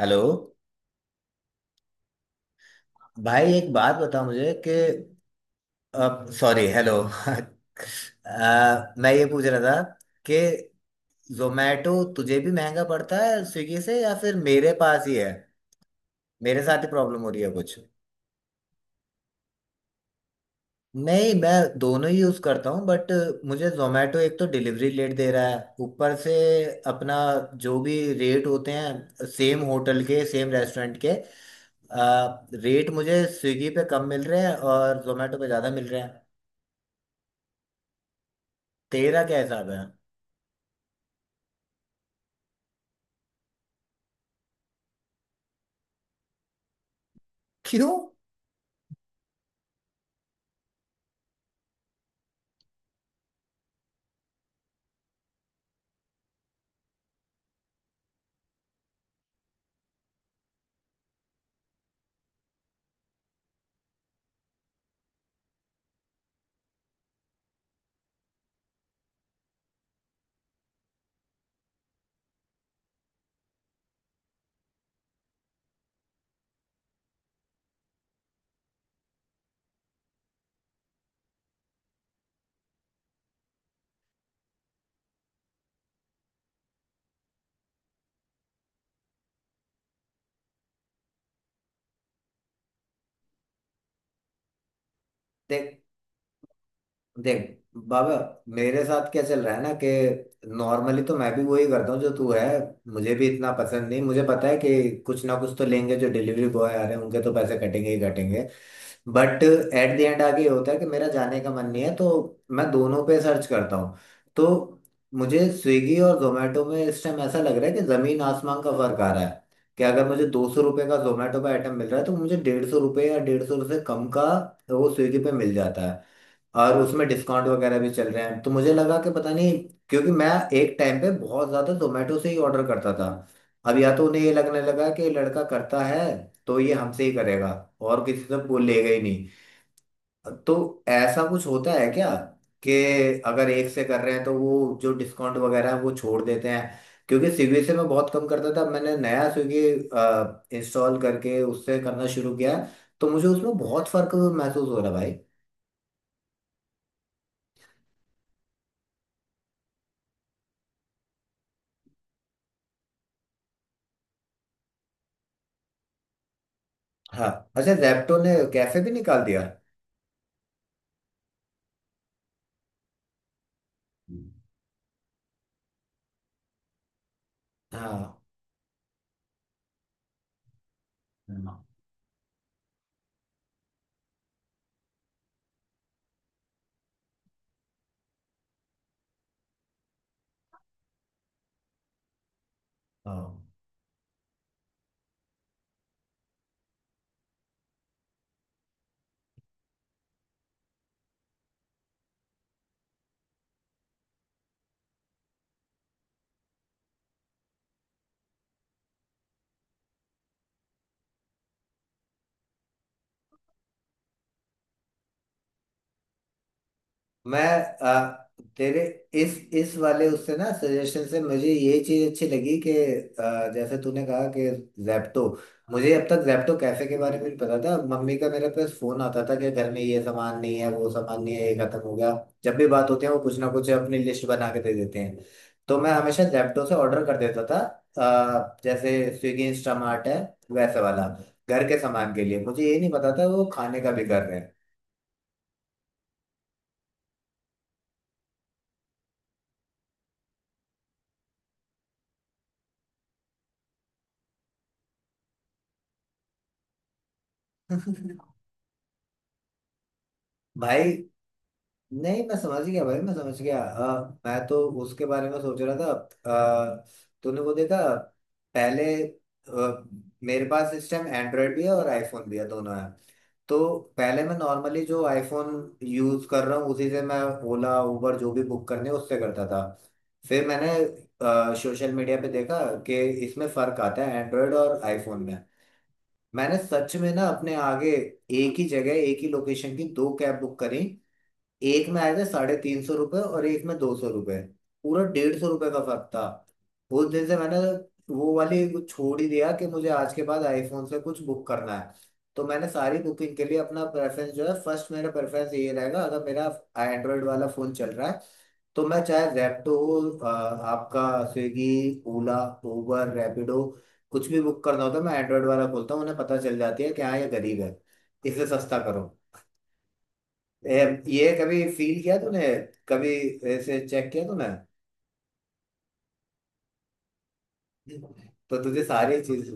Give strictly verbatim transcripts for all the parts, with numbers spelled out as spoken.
Hello. भाई एक बात बता मुझे कि सॉरी, हेलो अ, मैं ये पूछ रहा था कि जोमेटो तुझे भी महंगा पड़ता है स्विगी से, या फिर मेरे पास ही है? मेरे साथ ही प्रॉब्लम हो रही है कुछ? नहीं, मैं दोनों ही यूज़ करता हूँ, बट मुझे जोमेटो एक तो डिलीवरी लेट दे रहा है, ऊपर से अपना जो भी रेट होते हैं, सेम होटल के सेम रेस्टोरेंट के रेट मुझे स्विगी पे कम मिल रहे हैं और जोमेटो पे ज़्यादा मिल रहे हैं। तेरा क्या हिसाब है? क्यों? देख देख बाबा, मेरे साथ क्या चल रहा है ना, कि नॉर्मली तो मैं भी वही करता हूँ जो तू है। मुझे भी इतना पसंद नहीं, मुझे पता है कि कुछ ना कुछ तो लेंगे, जो डिलीवरी बॉय आ रहे हैं उनके तो पैसे कटेंगे ही कटेंगे, बट एट द एंड आगे ये होता है कि मेरा जाने का मन नहीं है, तो मैं दोनों पे सर्च करता हूँ। तो मुझे स्विगी और जोमेटो में इस टाइम ऐसा लग रहा है कि जमीन आसमान का फर्क आ रहा है। कि अगर मुझे दो सौ रुपये का जोमेटो का आइटम मिल रहा है, तो मुझे डेढ़ सौ रुपये या डेढ़ सौ से कम का वो स्विगी पे मिल जाता है। और उसमें डिस्काउंट वगैरह भी चल रहे हैं, तो मुझे लगा कि पता नहीं, क्योंकि मैं एक टाइम पे बहुत ज़्यादा जोमेटो से ही ऑर्डर करता था। अब या तो उन्हें ये लगने लगा कि ये लड़का करता है तो ये हमसे ही करेगा, और किसी से वो लेगा ही नहीं, तो ऐसा कुछ होता है क्या कि अगर एक से कर रहे हैं तो वो जो डिस्काउंट वगैरह है वो छोड़ देते हैं? क्योंकि स्विगी से मैं बहुत कम करता था, मैंने नया स्विगी इंस्टॉल करके उससे करना शुरू किया, तो मुझे उसमें बहुत फर्क महसूस हो रहा है भाई। हाँ। अच्छा, जेप्टो ने कैफे भी निकाल दिया? हम्म। हाँ। है ना? हाँ। मैं अ, तेरे इस इस वाले उससे ना सजेशन से मुझे ये चीज अच्छी लगी कि अ, जैसे तूने कहा कि जैप्टो। मुझे अब तक जैप्टो कैफे के बारे में भी पता था, मम्मी का मेरे पास फोन आता था कि घर में ये सामान नहीं है, वो सामान नहीं है, ये खत्म हो गया। जब भी बात होती है वो कुछ ना कुछ अपनी लिस्ट बना के दे देते हैं, तो मैं हमेशा जैप्टो से ऑर्डर कर देता था। अ, जैसे स्विगी इंस्टामार्ट है वैसे वाला घर के सामान के लिए। मुझे ये नहीं पता था वो खाने का भी कर रहे हैं। भाई, नहीं मैं समझ गया भाई, मैं समझ गया। अ, मैं तो उसके बारे में सोच रहा था। अ, तूने वो देखा पहले? अ, मेरे पास इस टाइम एंड्रॉयड भी है और आईफोन भी है, दोनों है। तो पहले मैं नॉर्मली जो आईफोन यूज कर रहा हूँ उसी से मैं ओला उबर जो भी बुक करने उससे करता था। फिर मैंने सोशल मीडिया पे देखा कि इसमें फर्क आता है एंड्रॉयड और आईफोन में। मैंने सच में ना अपने आगे एक ही जगह एक ही लोकेशन की दो कैब बुक करी, एक में आए थे साढ़े तीन सौ रुपये और एक में दो सौ रुपये, पूरा डेढ़ सौ रुपये का फर्क था। उस दिन से मैंने वो वाली छोड़ ही दिया कि मुझे आज के बाद आईफोन से कुछ बुक करना है, तो मैंने सारी बुकिंग के लिए अपना प्रेफरेंस जो है फर्स्ट, मेरा प्रेफरेंस ये रहेगा अगर मेरा एंड्रॉयड वाला फ़ोन चल रहा है तो मैं, चाहे जेप्टो हो आ, आपका स्विगी, ओला, उबर, रैपिडो, कुछ भी बुक करना होता है मैं एंड्रॉयड वाला खोलता हूँ। उन्हें पता चल जाती है कि हाँ ये गरीब है, इसे सस्ता करो। ए, ये कभी फील किया तूने? कभी ऐसे चेक किया तूने? तो तुझे सारी चीज।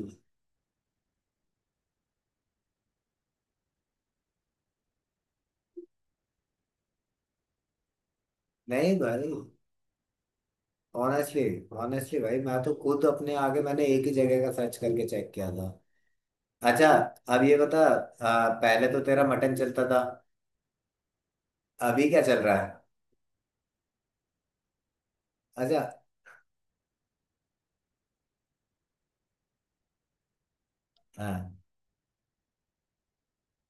नहीं भाई, ऑनेस्टली, ऑनेस्टली भाई, मैं तो खुद अपने आगे मैंने एक ही जगह का सर्च करके चेक किया था। अच्छा, अब ये बता, आ, पहले तो तेरा मटन चलता था, अभी क्या चल रहा है? अच्छा। हाँ।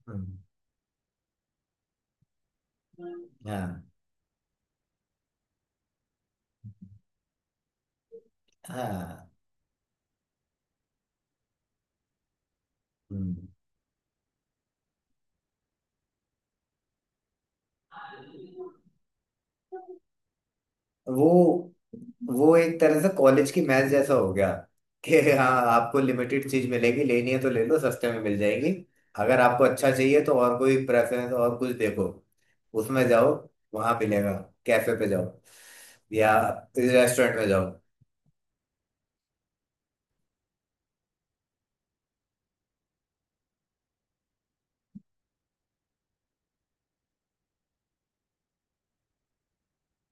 हम्म। हाँ, हाँ। हम्म। वो वो एक तरह से कॉलेज की मैच जैसा हो गया, कि हाँ आपको लिमिटेड चीज मिलेगी, लेनी है तो ले लो सस्ते में मिल जाएगी। अगर आपको अच्छा चाहिए तो और कोई प्रेफरेंस और कुछ देखो, उसमें जाओ, वहां मिलेगा, कैफे पे जाओ या रेस्टोरेंट में जाओ।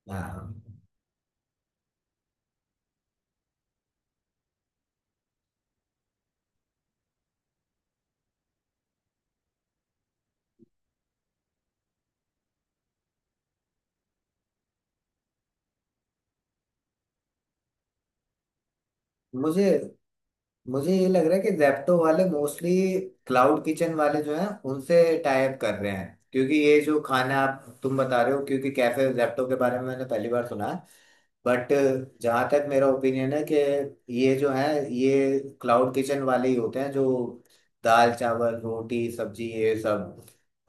हाँ, हाँ। मुझे मुझे ये लग रहा है कि जैप्टो वाले मोस्टली क्लाउड किचन वाले जो हैं उनसे टाइप कर रहे हैं। क्योंकि ये जो खाना आप तुम बता रहे हो, क्योंकि कैफे जैप्टो के बारे में मैंने पहली बार सुना, बट जहाँ तक मेरा ओपिनियन है कि ये जो है, ये क्लाउड किचन वाले ही होते हैं जो दाल चावल रोटी सब्जी ये सब।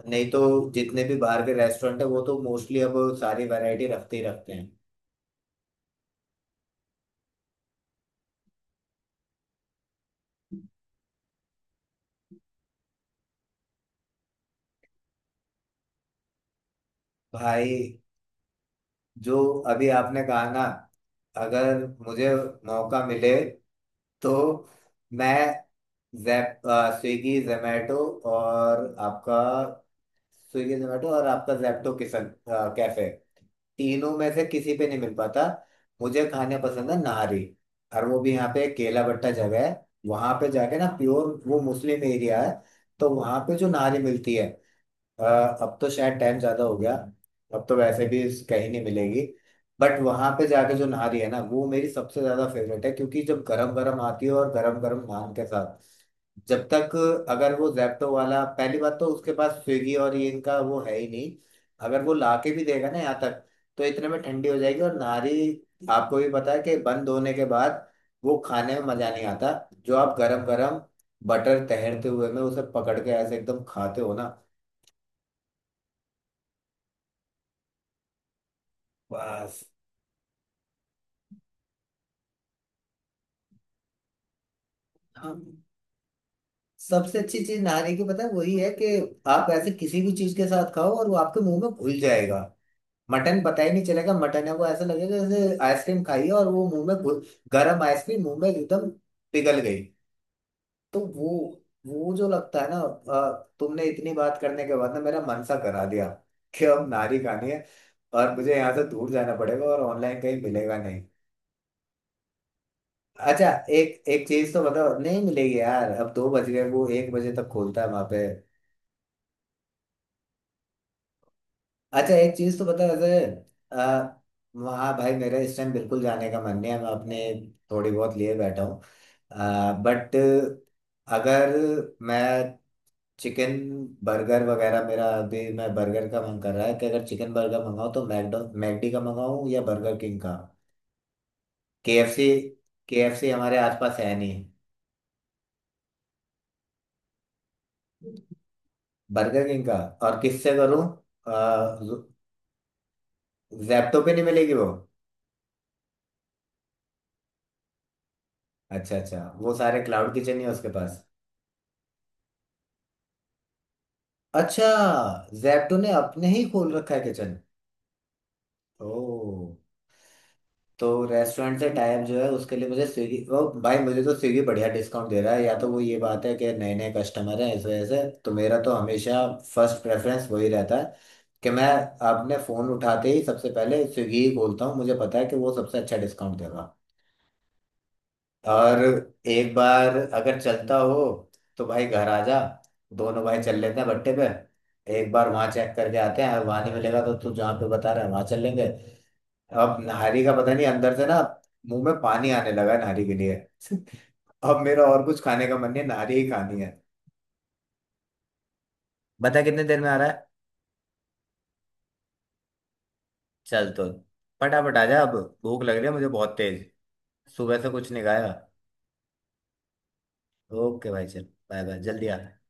नहीं तो जितने भी बाहर के रेस्टोरेंट है वो तो मोस्टली अब सारी वैरायटी रखते ही रखते हैं। भाई, जो अभी आपने कहा ना, अगर मुझे मौका मिले तो मैं जैप स्विगी जोमेटो और आपका, स्विगी जोमेटो और आपका जैप्टो किचन कैफे, तीनों में से किसी पे नहीं मिल पाता। मुझे खाने पसंद है नारी, और वो भी यहाँ पे केला भट्टा जगह है वहां पे जाके ना, प्योर वो मुस्लिम एरिया है, तो वहां पे जो नारी मिलती है। अ, अब तो शायद टाइम ज्यादा हो गया, अब तो वैसे भी कहीं नहीं मिलेगी, बट वहां पे जाके जो नारी है ना वो मेरी सबसे ज्यादा फेवरेट है, क्योंकि जब गरम गरम आती है और गरम गरम नान के साथ, जब तक, अगर वो जैप्टो वाला, पहली बात तो उसके पास स्विगी और ये इनका वो है ही नहीं, अगर वो लाके भी देगा ना यहाँ तक तो इतने में ठंडी हो जाएगी, और नारी आपको भी पता है कि बंद होने के बाद वो खाने में मजा नहीं आता, जो आप गरम गरम बटर तैरते हुए में उसे पकड़ के ऐसे एकदम खाते हो ना। बस। हम। सबसे अच्छी चीज नारी की पता है वही है कि आप ऐसे किसी भी चीज के साथ खाओ और वो आपके मुंह में घुल जाएगा। मटन पता ही नहीं चलेगा मटन है, वो ऐसा लगेगा जैसे आइसक्रीम खाई है और वो मुंह में घु- गरम आइसक्रीम मुंह में एकदम पिघल गई। तो वो वो जो लगता है ना, अ, तुमने इतनी बात करने के बाद ना मेरा मन सा करा दिया कि अब नारी खानी है, और मुझे यहाँ से दूर जाना पड़ेगा और ऑनलाइन कहीं मिलेगा नहीं। अच्छा, एक एक चीज तो बताओ, नहीं मिलेगी यार, अब दो बज गए, वो एक बजे तक खोलता है वहां पे। अच्छा एक चीज तो बता ऐसे, आ, वहाँ, भाई मेरा इस टाइम बिल्कुल जाने का मन नहीं है, मैं अपने थोड़ी बहुत लिए बैठा हूँ, बट अगर मैं चिकन बर्गर वगैरह, मेरा अभी मैं बर्गर का मन कर रहा है, कि अगर चिकन बर्गर मंगाऊँ तो मैकडो मैकडी का मंगाऊँ या बर्गर किंग का? केएफसी, केएफसी हमारे आसपास है नहीं। बर्गर किंग का, और किससे करूँ? जैप्टो पे नहीं मिलेगी वो? अच्छा अच्छा, वो सारे क्लाउड किचन ही है उसके पास। अच्छा, जैप्टो ने अपने ही खोल रखा है किचन। ओ, तो रेस्टोरेंट से टाइप जो है उसके लिए मुझे स्विगी, ओ भाई मुझे तो स्विगी बढ़िया डिस्काउंट दे रहा है, या तो वो ये बात है कि नए नए कस्टमर हैं इस वजह से। तो मेरा तो हमेशा फर्स्ट प्रेफरेंस वही रहता है, कि मैं अपने फ़ोन उठाते ही सबसे पहले स्विगी ही खोलता हूँ, मुझे पता है कि वो सबसे अच्छा डिस्काउंट देगा। और एक बार अगर चलता हो तो भाई घर आ जा, दोनों भाई चल लेते हैं भट्टे पे, एक बार वहां चेक करके आते हैं, वहां नहीं मिलेगा तो तू जहाँ पे बता रहा है वहां चल लेंगे। अब नाहरी का पता नहीं, अंदर से ना मुंह में पानी आने लगा है नाहरी के लिए। अब मेरा और कुछ खाने का मन नहीं है, नाहरी ही खानी है। बता कितने देर में आ रहा है? चल तो फटाफट आ जा अब, भूख लग रही है मुझे बहुत तेज, सुबह से कुछ नहीं खाया। ओके भाई चल, बाय बाय, जल्दी आ।